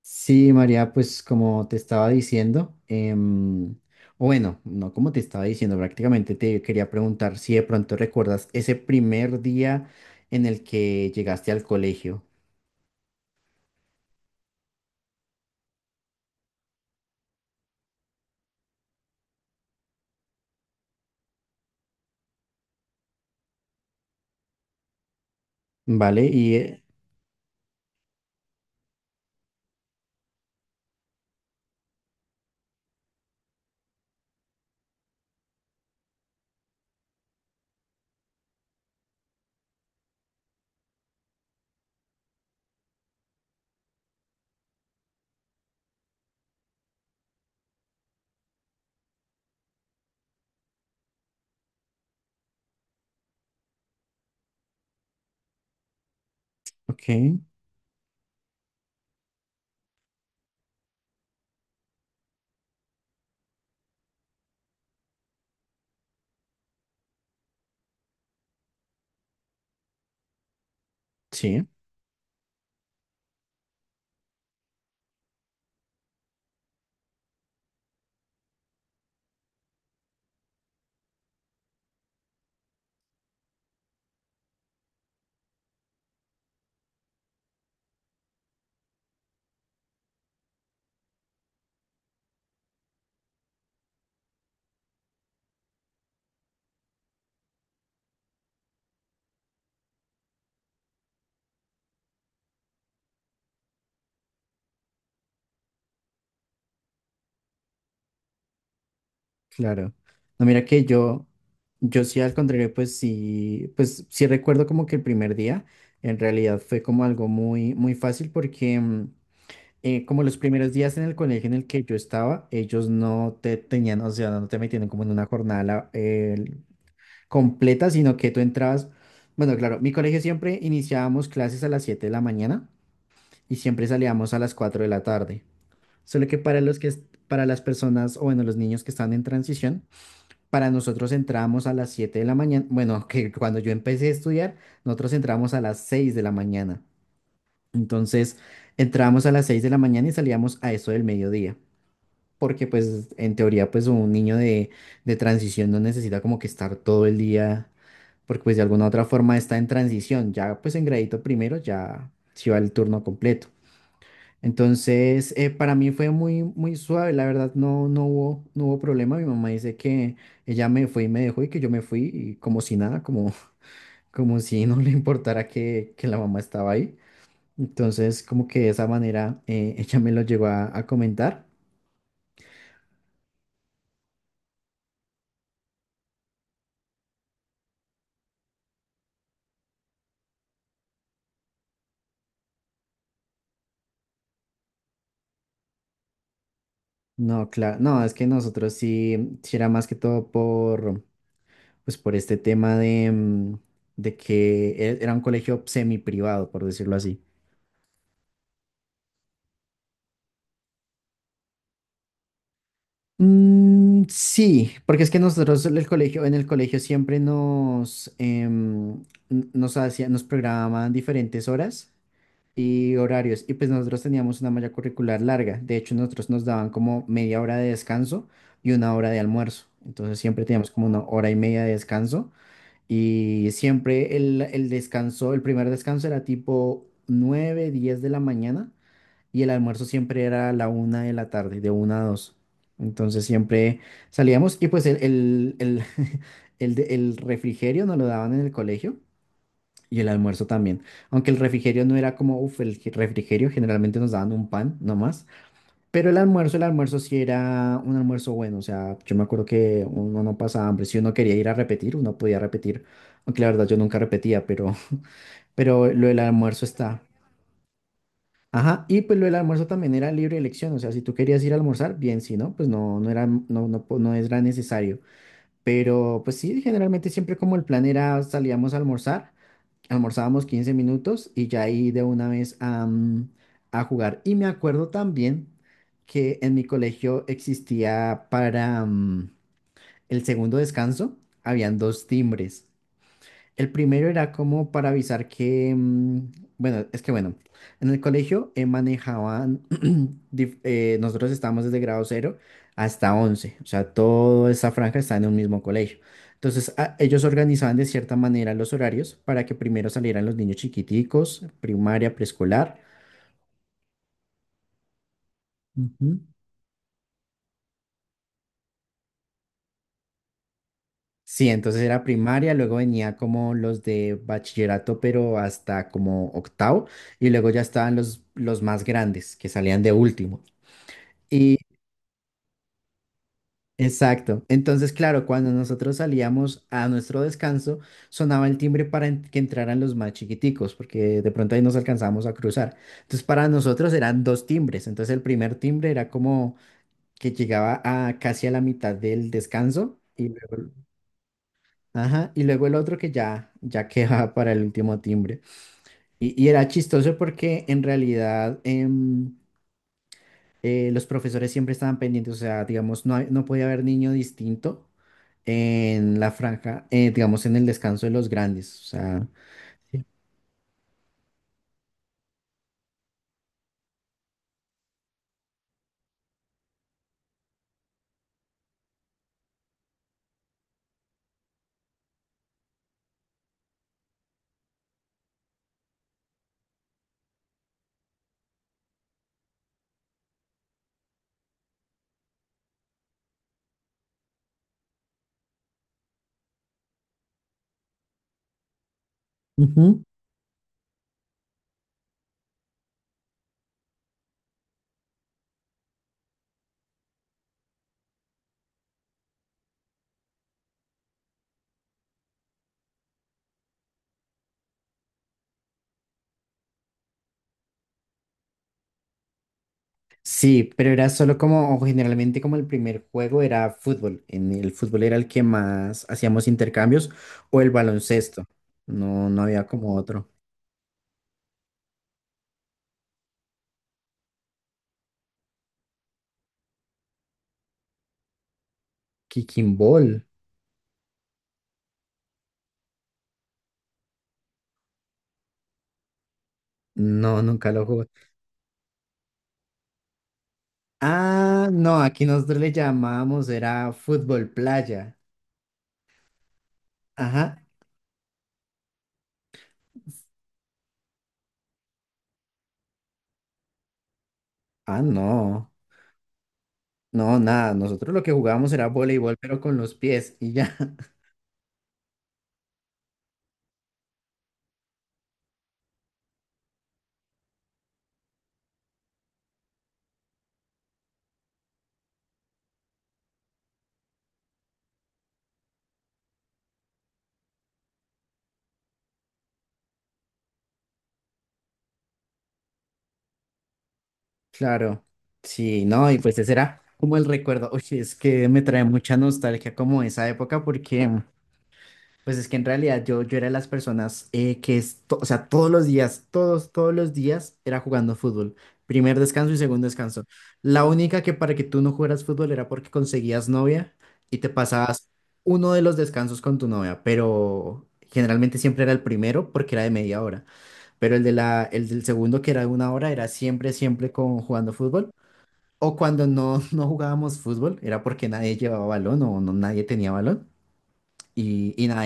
Sí, María, pues como te estaba diciendo, o bueno, no como te estaba diciendo, prácticamente te quería preguntar si de pronto recuerdas ese primer día en el que llegaste al colegio, ¿vale? Ok, sí, claro. No, mira que yo sí al contrario, pues sí recuerdo como que el primer día en realidad fue como algo muy, muy fácil porque como los primeros días en el colegio en el que yo estaba, ellos no te tenían, o sea, no te metían como en una jornada completa, sino que tú entrabas, bueno, claro, mi colegio siempre iniciábamos clases a las 7 de la mañana y siempre salíamos a las 4 de la tarde. Solo que para los que, para las personas, o bueno, los niños que están en transición, para nosotros entrábamos a las 7 de la mañana, bueno, que cuando yo empecé a estudiar, nosotros entrábamos a las 6 de la mañana. Entonces, entrábamos a las 6 de la mañana y salíamos a eso del mediodía porque pues en teoría pues un niño de transición no necesita como que estar todo el día, porque pues de alguna u otra forma está en transición, ya pues en gradito primero ya se va el turno completo. Entonces, para mí fue muy, muy suave, la verdad no hubo, no hubo problema. Mi mamá dice que ella me fue y me dejó y que yo me fui y como si nada, como, como si no le importara que la mamá estaba ahí. Entonces, como que de esa manera ella me lo llegó a comentar. No, claro, no, es que nosotros sí, sí era más que todo por, pues por este tema de que era un colegio semiprivado, por decirlo así. Mm, sí, porque es que nosotros en el colegio siempre nos hacían, nos programaban diferentes horas y horarios, y pues nosotros teníamos una malla curricular larga. De hecho, nosotros nos daban como media hora de descanso y una hora de almuerzo. Entonces siempre teníamos como una hora y media de descanso. Y siempre el descanso, el primer descanso era tipo 9 10 de la mañana y el almuerzo siempre era a la una de la tarde, de una a 2. Entonces siempre salíamos y pues el el refrigerio nos lo daban en el colegio y el almuerzo también. Aunque el refrigerio no era como, uff, el refrigerio generalmente nos daban un pan nomás, pero el almuerzo sí era un almuerzo bueno, o sea, yo me acuerdo que uno no pasaba hambre, si uno quería ir a repetir, uno podía repetir, aunque la verdad yo nunca repetía, pero, pero lo del almuerzo está. Ajá, y pues lo del almuerzo también era libre elección, o sea, si tú querías ir a almorzar, bien, si no, pues no, no era, no, no era necesario. Pero pues sí, generalmente siempre como el plan era salíamos a almorzar, almorzábamos 15 minutos y ya ahí de una vez a jugar. Y me acuerdo también que en mi colegio existía para el segundo descanso, habían dos timbres. El primero era como para avisar bueno, es que bueno, en el colegio manejaban, nosotros estábamos desde grado cero hasta 11, o sea, toda esa franja está en un mismo colegio. Entonces, ellos organizaban de cierta manera los horarios para que primero salieran los niños chiquiticos, primaria, preescolar. Ujú. Sí, entonces era primaria, luego venía como los de bachillerato, pero hasta como octavo, y luego ya estaban los más grandes, que salían de último. Y exacto. Entonces, claro, cuando nosotros salíamos a nuestro descanso, sonaba el timbre para que entraran los más chiquiticos, porque de pronto ahí nos alcanzábamos a cruzar. Entonces, para nosotros eran dos timbres. Entonces, el primer timbre era como que llegaba a casi a la mitad del descanso. Ajá, y luego el otro que ya, ya quedaba para el último timbre. Y era chistoso porque en realidad los profesores siempre estaban pendientes, o sea, digamos, no podía haber niño distinto en la franja, digamos, en el descanso de los grandes, o sea. Sí, ujú. Sí, pero era solo como, o generalmente como el primer juego era fútbol, en el fútbol era el que más hacíamos intercambios, o el baloncesto, no, no había como otro. Kicking ball, no, nunca lo jugué. Ah, no, aquí nosotros le llamábamos, era fútbol playa. Ajá. Ah, no. No, nada, nosotros lo que jugábamos era voleibol, pero con los pies y ya, claro. Sí, no, y pues ese era como el recuerdo. Oye, es que me trae mucha nostalgia como esa época porque, pues es que en realidad yo era de las personas que, o sea, todos los días, todos, todos los días era jugando fútbol. Primer descanso y segundo descanso. La única que para que tú no jugaras fútbol era porque conseguías novia y te pasabas uno de los descansos con tu novia, pero generalmente siempre era el primero porque era de media hora. Pero el de la, el del segundo, que era de una hora, era siempre, siempre con jugando fútbol. O cuando no, no jugábamos fútbol, era porque nadie llevaba balón o no, nadie tenía balón. Y nada,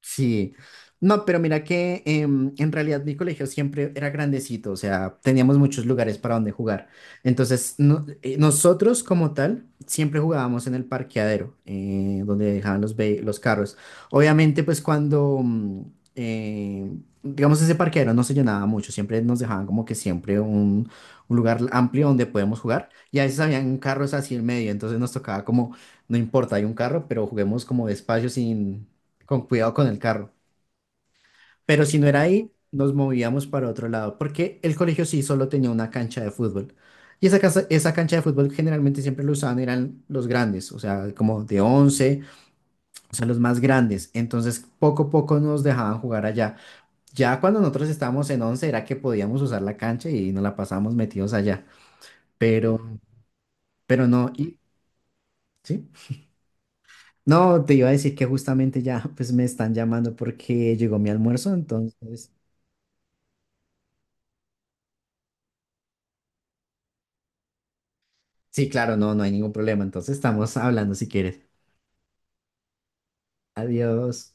sí, no, pero mira que en realidad mi colegio siempre era grandecito, o sea, teníamos muchos lugares para donde jugar. Entonces, nosotros como tal siempre jugábamos en el parqueadero, donde dejaban los carros. Obviamente, pues eh, digamos, ese parqueadero no se llenaba mucho, siempre nos dejaban como que siempre un lugar amplio donde podemos jugar. Y a veces habían carros así en medio, entonces nos tocaba como, no importa, hay un carro, pero juguemos como despacio sin con cuidado con el carro. Pero si no era ahí, nos movíamos para otro lado, porque el colegio sí solo tenía una cancha de fútbol. Y esa cancha de fútbol generalmente siempre lo usaban, eran los grandes, o sea, como de 11, o sea, los más grandes. Entonces, poco a poco nos dejaban jugar allá. Ya cuando nosotros estábamos en 11 era que podíamos usar la cancha y nos la pasábamos metidos allá. Pero, pero ¿sí? No, te iba a decir que justamente ya pues me están llamando porque llegó mi almuerzo, entonces sí, claro, no, no hay ningún problema. Entonces estamos hablando si quieres. Adiós.